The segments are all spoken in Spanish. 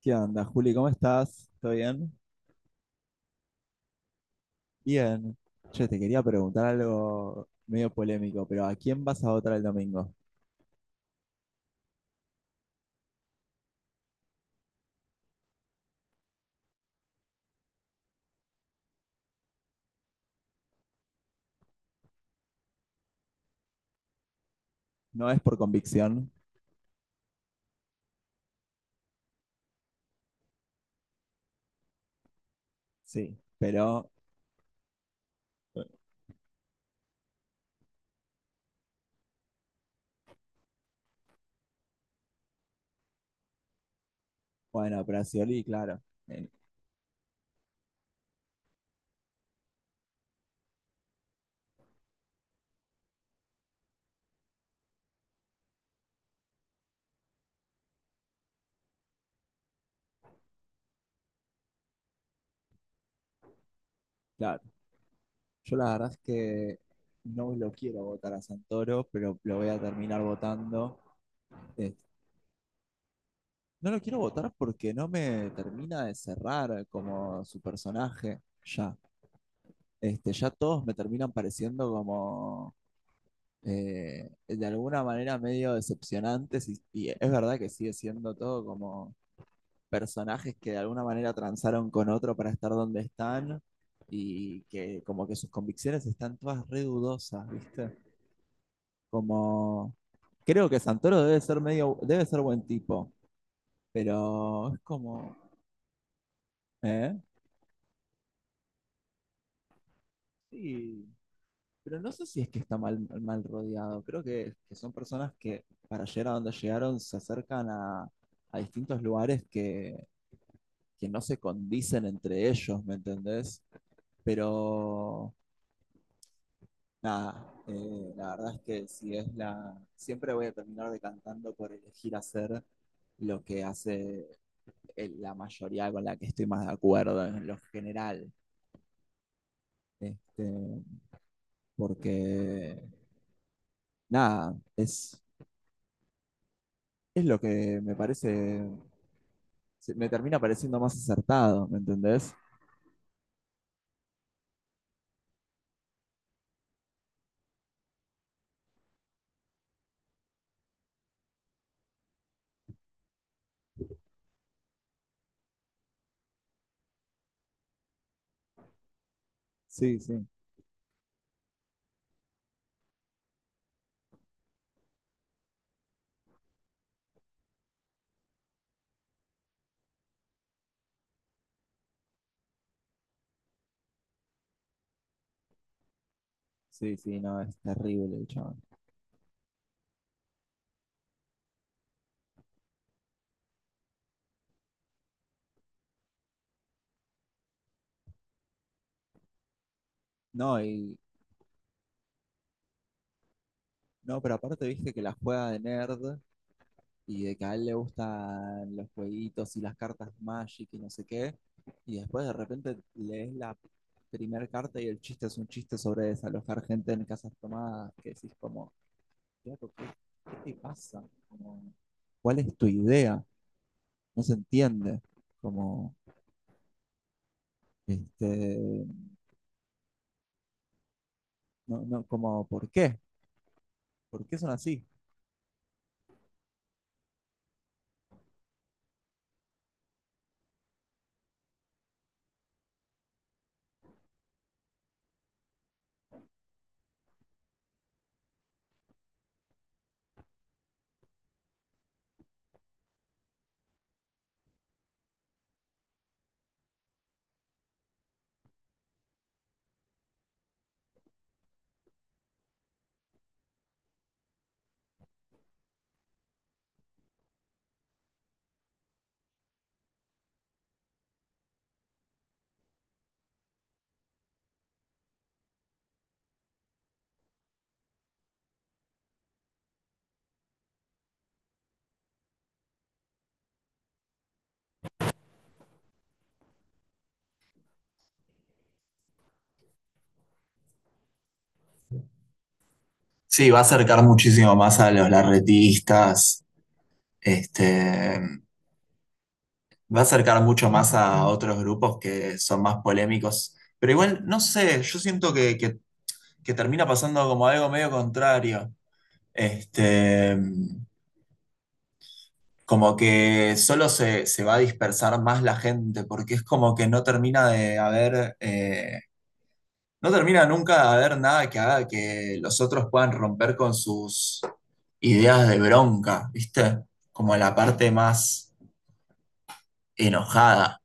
¿Qué onda, Juli? ¿Cómo estás? ¿Todo bien? Bien. Yo te quería preguntar algo medio polémico, pero ¿a quién vas a votar el domingo? No es por convicción, sí, pero bueno, pero a Scioli, claro. eh, claro. Yo la verdad es que no lo quiero votar a Santoro, pero lo voy a terminar votando. Eh, no lo quiero votar porque no me termina de cerrar como su personaje, ya. Este, ya todos me terminan pareciendo como de alguna manera medio decepcionantes y es verdad que sigue siendo todo como personajes que de alguna manera transaron con otro para estar donde están y que como que sus convicciones están todas re dudosas, ¿viste? Como creo que Santoro debe ser medio, debe ser buen tipo, pero es como, ¿eh? Sí. Pero no sé si es que está mal, mal rodeado. Creo que son personas que para llegar a donde llegaron se acercan a distintos lugares que no se condicen entre ellos, ¿me entendés? Pero nada, la verdad es que si es la. Siempre voy a terminar decantando por elegir hacer lo que hace la mayoría con la que estoy más de acuerdo en lo general. Este, porque nada, es lo que me parece. Me termina pareciendo más acertado, ¿me entendés? Sí, sí. Sí, sí, no, es terrible el chabón. No, y no, pero aparte viste que la juega de nerd y de que a él le gustan los jueguitos y las cartas Magic y no sé qué. Y después de repente lees la primera carta y el chiste es un chiste sobre desalojar gente en casas tomadas. Que decís como, "Flaco, ¿qué, qué te pasa? Como, ¿cuál es tu idea? No se entiende. Como, este, no, no, como, ¿por qué? ¿Por qué son así?" Sí, va a acercar muchísimo más a los larretistas, este, va a acercar mucho más a otros grupos que son más polémicos. Pero igual, no sé, yo siento que que termina pasando como algo medio contrario. Este, como que solo se va a dispersar más la gente, porque es como que no termina de haber, no termina nunca de haber nada que haga que los otros puedan romper con sus ideas de bronca, ¿viste? Como la parte más enojada,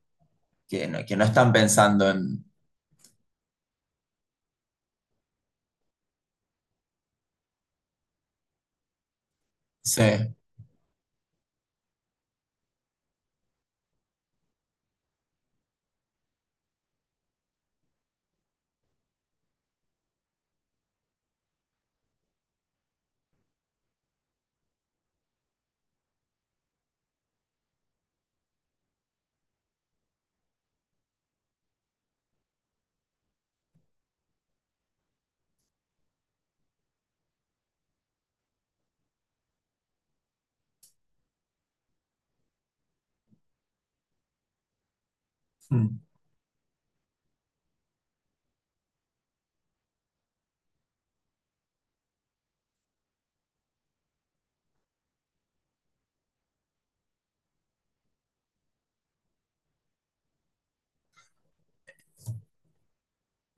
que no están pensando en... Sí. Mm,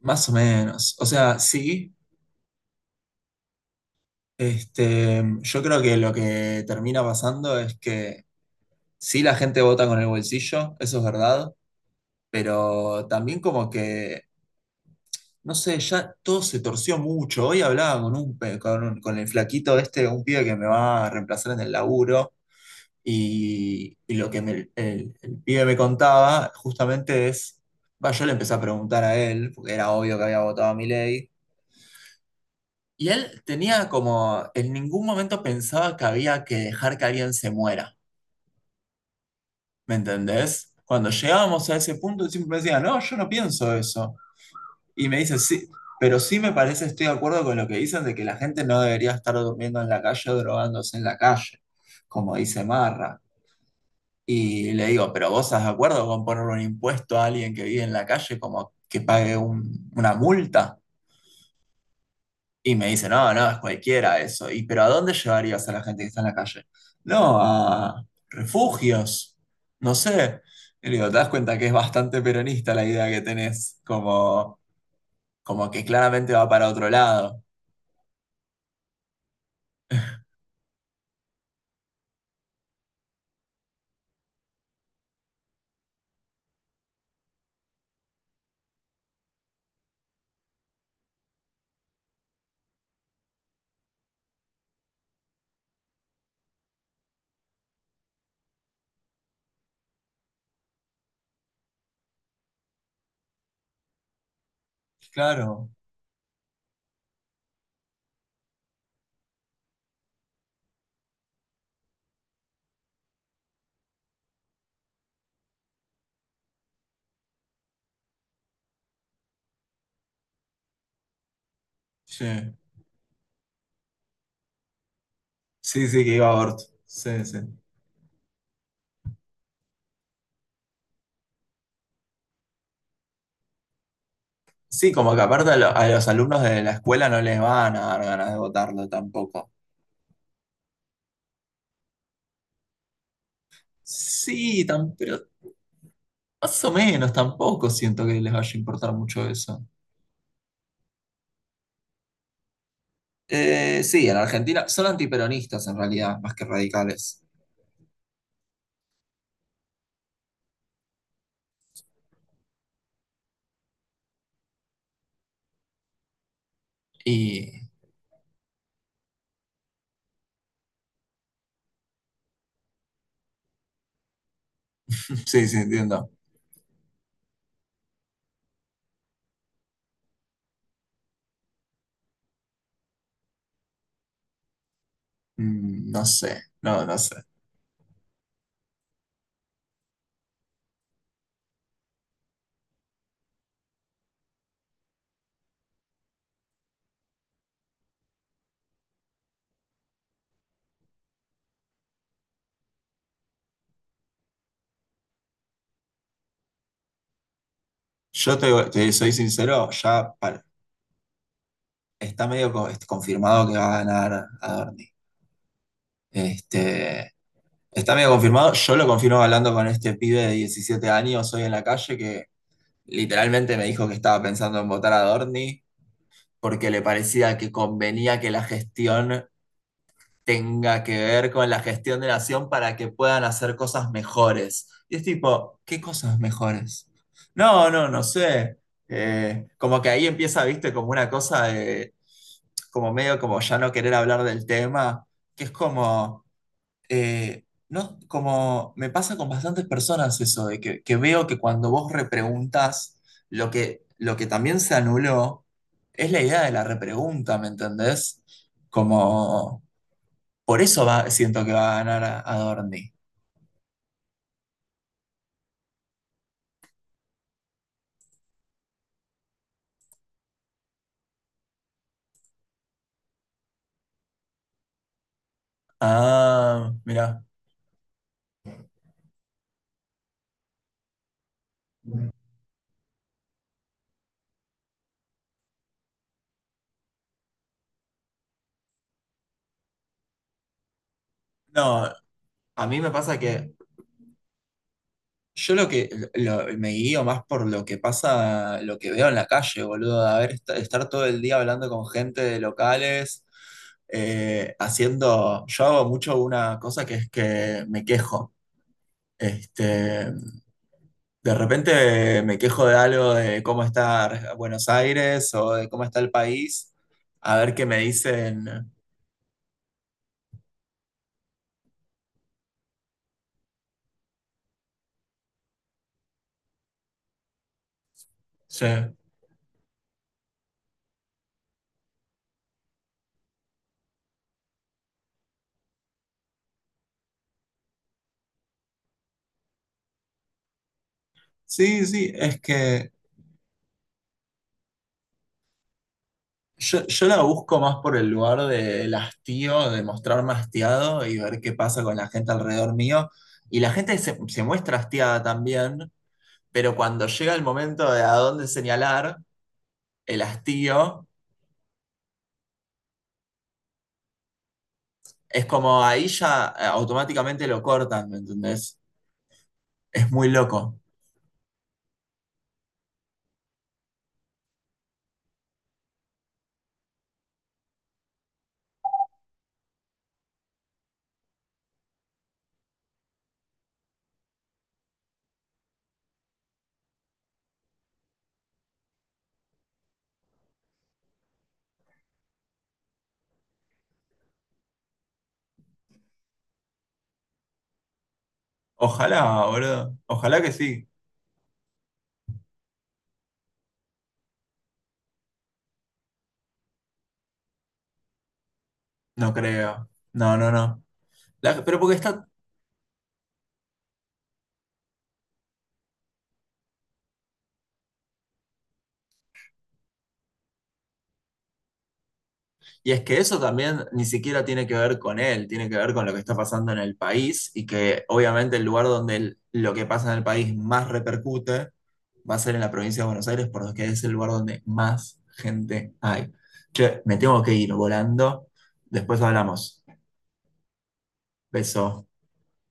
más o menos. O sea, sí, este, yo creo que lo que termina pasando es que sí la gente vota con el bolsillo, eso es verdad, pero también como que, no sé, ya todo se torció mucho. Hoy hablaba con un, con, con el flaquito este, un pibe que me va a reemplazar en el laburo, y lo que el pibe me contaba justamente es, va, yo le empecé a preguntar a él, porque era obvio que había votado a mi. Y él tenía como, en ningún momento pensaba que había que dejar que alguien se muera, ¿me entendés? Cuando llegábamos a ese punto, él siempre me decía, no, yo no pienso eso. Y me dice, sí, pero sí me parece, estoy de acuerdo con lo que dicen de que la gente no debería estar durmiendo en la calle o drogándose en la calle, como dice Marra. Y le digo, pero ¿vos estás de acuerdo con ponerle un impuesto a alguien que vive en la calle como que pague una multa? Y me dice, no, no, es cualquiera eso. Y, pero ¿a dónde llevarías a la gente que está en la calle? No, a refugios, no sé. Y le digo, ¿te das cuenta que es bastante peronista la idea que tenés? Como, como que claramente va para otro lado. Claro, sí. Sí, sí, que iba a aborto. Sí, sí. Sí, como que aparte a, a los alumnos de la escuela no les van a dar ganas de votarlo tampoco. Sí, tan, pero más o menos tampoco siento que les vaya a importar mucho eso. Sí, en Argentina son antiperonistas en realidad, más que radicales. Y sí, sí, entiendo. Mm, no sé, no, no sé. Yo te, te soy sincero, ya está este, confirmado que va a ganar Adorni. Este, está medio confirmado. Yo lo confirmo hablando con este pibe de 17 años hoy en la calle que literalmente me dijo que estaba pensando en votar a Adorni porque le parecía que convenía que la gestión tenga que ver con la gestión de la nación para que puedan hacer cosas mejores. Y es tipo, ¿qué cosas mejores? No, no, no sé. Como que ahí empieza, viste, como una cosa de, como medio como ya no querer hablar del tema, que es como, no, como me pasa con bastantes personas eso, de que veo que cuando vos repreguntas, lo lo que también se anuló es la idea de la repregunta, ¿me entendés? Como por eso va, siento que va a ganar a Dorni. Ah, mira. No, a mí me pasa que yo lo que me guío más por lo que pasa, lo que veo en la calle, boludo. A ver, estar todo el día hablando con gente de locales, haciendo. Yo hago mucho una cosa que es que me quejo. Este, de repente me quejo de algo de cómo está Buenos Aires o de cómo está el país. A ver qué me dicen. Sí. Sí, sí, es que yo la busco más por el lugar del hastío, de mostrarme hastiado y ver qué pasa con la gente alrededor mío. Y la gente se muestra hastiada también, pero cuando llega el momento de a dónde señalar el hastío, es como ahí ya automáticamente lo cortan, ¿me entendés? Es muy loco. Ojalá, boludo. Ojalá que sí. No creo. No, no, no. La- pero porque está. Y es que eso también ni siquiera tiene que ver con él, tiene que ver con lo que está pasando en el país y que obviamente el lugar donde lo que pasa en el país más repercute va a ser en la provincia de Buenos Aires porque es el lugar donde más gente hay. Che, me tengo que ir volando, después hablamos. Beso.